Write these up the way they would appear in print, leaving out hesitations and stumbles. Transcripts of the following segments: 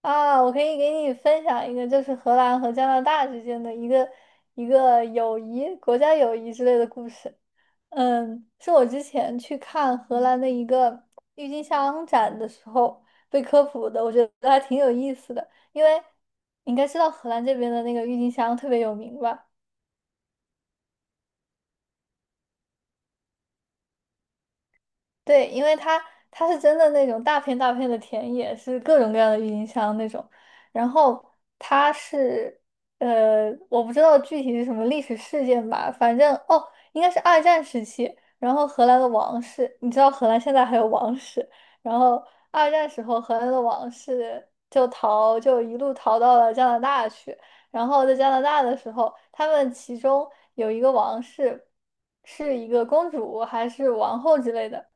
啊，我可以给你分享一个，就是荷兰和加拿大之间的一个友谊、国家友谊之类的故事。是我之前去看荷兰的一个郁金香展的时候被科普的，我觉得还挺有意思的。因为你应该知道荷兰这边的那个郁金香特别有名吧？对，因为它它是真的那种大片大片的田野，是各种各样的郁金香那种。然后它是我不知道具体是什么历史事件吧，反正哦，应该是二战时期。然后荷兰的王室，你知道荷兰现在还有王室。然后二战时候，荷兰的王室就逃，就一路逃到了加拿大去。然后在加拿大的时候，他们其中有一个王室是一个公主还是王后之类的。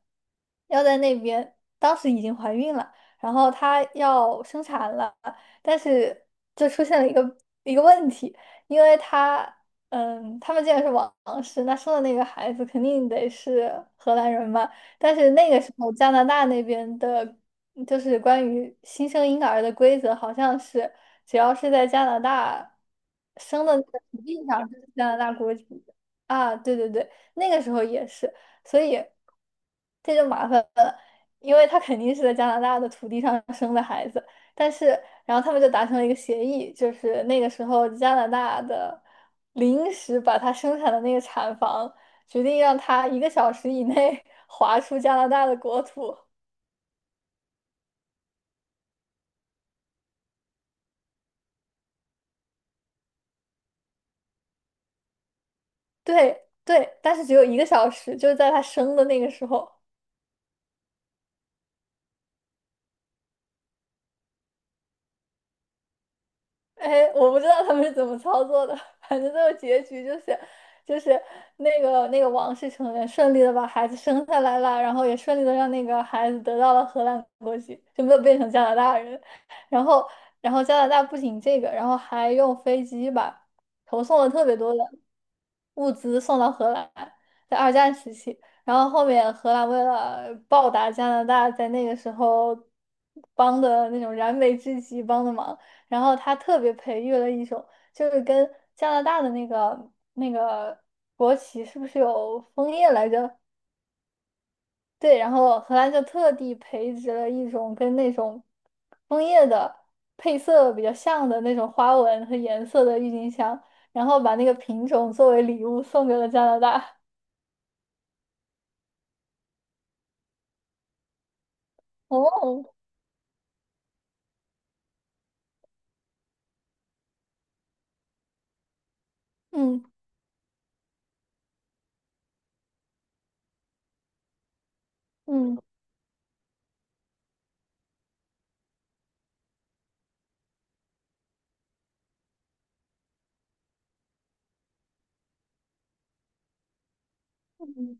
要在那边，当时已经怀孕了，然后她要生产了，但是就出现了一个问题，因为她，他们既然是王室，那生的那个孩子肯定得是荷兰人嘛，但是那个时候加拿大那边的，就是关于新生婴儿的规则，好像是只要是在加拿大生的那个土地上，就是加拿大国籍的。啊，对对对。那个时候也是，所以这就麻烦了，因为他肯定是在加拿大的土地上生的孩子，但是然后他们就达成了一个协议，就是那个时候加拿大的临时把他生产的那个产房决定让他一个小时以内 划出加拿大的国土。对对，但是只有一个小时，就是在他生的那个时候。哎，我不知道他们是怎么操作的，反正最后结局就是，就是那个王室成员顺利的把孩子生下来了，然后也顺利的让那个孩子得到了荷兰国籍，就没有变成加拿大人。然后，然后加拿大不仅这个，然后还用飞机把投送了特别多的。物资送到荷兰，在二战时期。然后后面荷兰为了报答加拿大在那个时候帮的那种燃眉之急帮的忙，然后他特别培育了一种，就是跟加拿大的那个国旗是不是有枫叶来着？对，然后荷兰就特地培植了一种跟那种枫叶的配色比较像的那种花纹和颜色的郁金香，然后把那个品种作为礼物送给了加拿大。哦，嗯嗯嗯，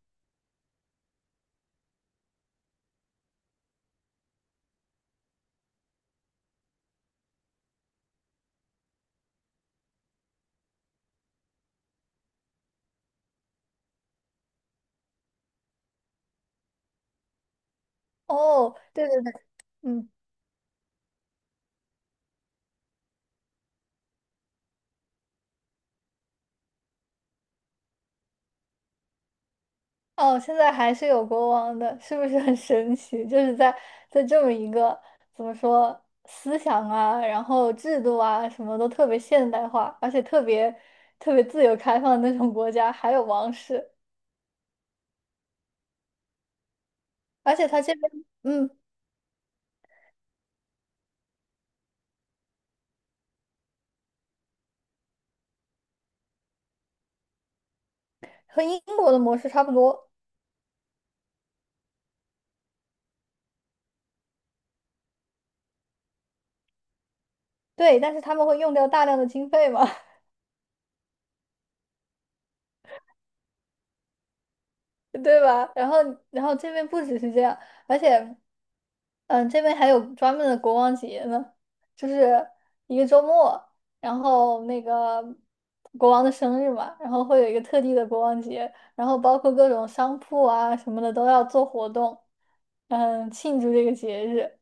哦，对对对，嗯。哦，现在还是有国王的，是不是很神奇？就是在这么一个怎么说思想啊，然后制度啊，什么都特别现代化，而且特别特别自由开放的那种国家，还有王室，而且他这边嗯和英国的模式差不多。对，但是他们会用掉大量的经费嘛。对吧？然后然后这边不只是这样，而且。这边还有专门的国王节呢，就是一个周末，然后那个国王的生日嘛，然后会有一个特地的国王节，然后包括各种商铺啊什么的都要做活动，庆祝这个节日。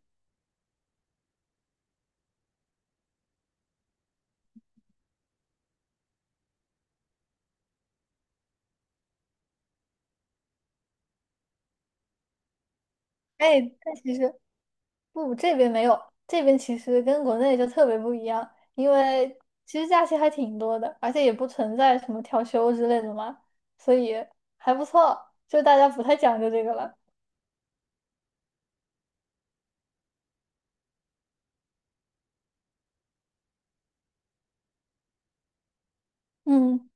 哎，但其实不，这边没有，这边其实跟国内就特别不一样，因为其实假期还挺多的，而且也不存在什么调休之类的嘛，所以还不错，就大家不太讲究这个了。嗯。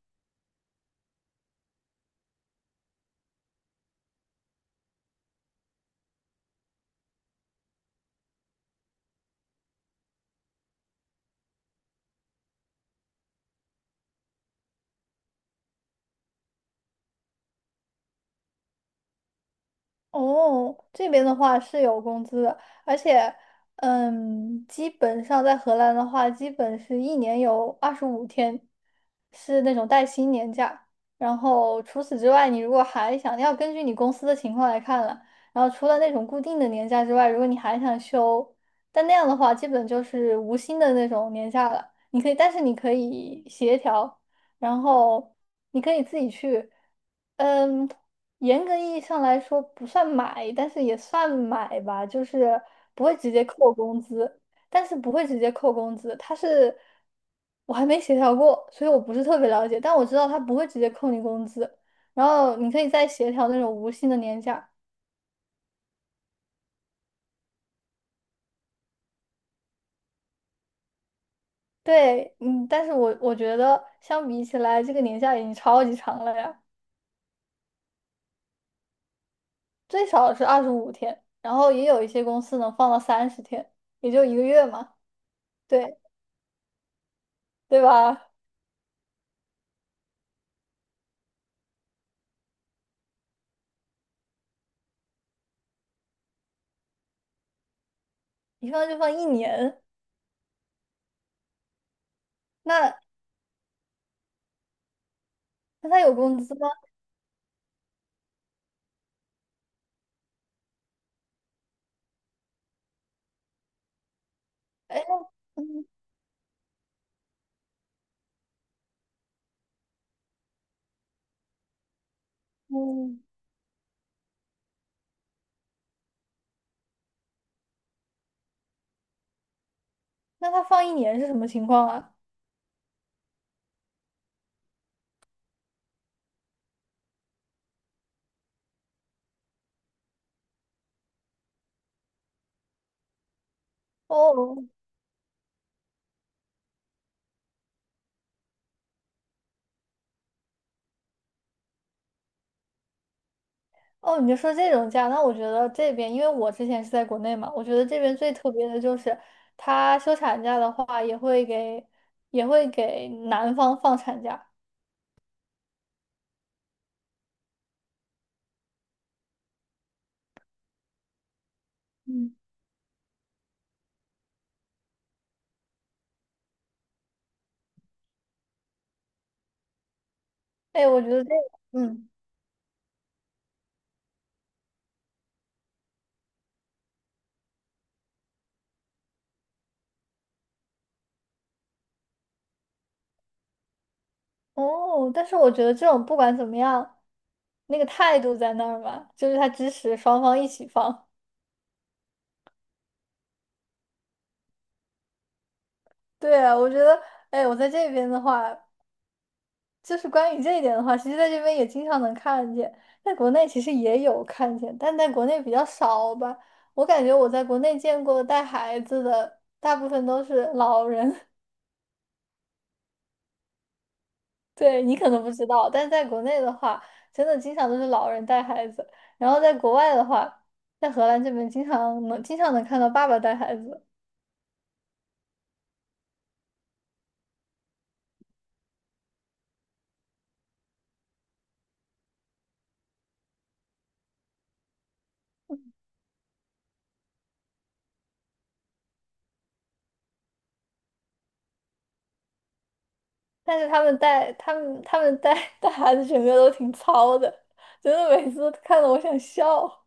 哦，这边的话是有工资的，而且，基本上在荷兰的话，基本是一年有二十五天是那种带薪年假，然后除此之外，你如果还想要根据你公司的情况来看了，然后除了那种固定的年假之外，如果你还想休，但那样的话，基本就是无薪的那种年假了。你可以，但是你可以协调，然后你可以自己去。嗯，严格意义上来说不算买，但是也算买吧，就是不会直接扣工资，但是不会直接扣工资，它是我还没协调过，所以我不是特别了解，但我知道他不会直接扣你工资，然后你可以再协调那种无薪的年假。对，但是我觉得相比起来，这个年假已经超级长了呀，最少是二十五天，然后也有一些公司能放到30天，也就一个月嘛，对对吧？一放就放一年。那那他有工资吗？哎，那嗯嗯，那他放一年是什么情况啊？哦哦，你就说这种假，那我觉得这边，因为我之前是在国内嘛，我觉得这边最特别的就是，他休产假的话也会给也会给男方放产假。嗯，哎，我觉得这个，哦，但是我觉得这种不管怎么样，那个态度在那儿吧，就是他支持双方一起放。对啊，我觉得，哎，我在这边的话。就是关于这一点的话，其实在这边也经常能看见，在国内其实也有看见，但在国内比较少吧。我感觉我在国内见过带孩子的，大部分都是老人。对，你可能不知道，但在国内的话，真的经常都是老人带孩子。然后在国外的话，在荷兰这边经常能看到爸爸带孩子，但是他们带他们带 带孩子，整个都挺糙的，真的每次都看得我想笑。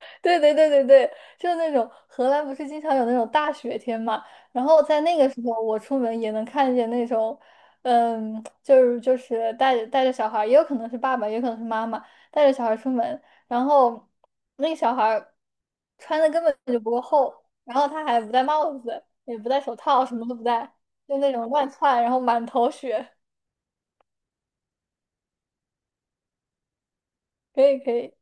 对对对对对，就是那种荷兰不是经常有那种大雪天嘛，然后在那个时候我出门也能看见那种，就是带着带着小孩儿也有可能是爸爸，也有可能是妈妈带着小孩儿出门，然后那个小孩儿穿的根本就不够厚，然后他还不戴帽子，也不戴手套，什么都不戴，就那种乱窜，然后满头雪，可以可以。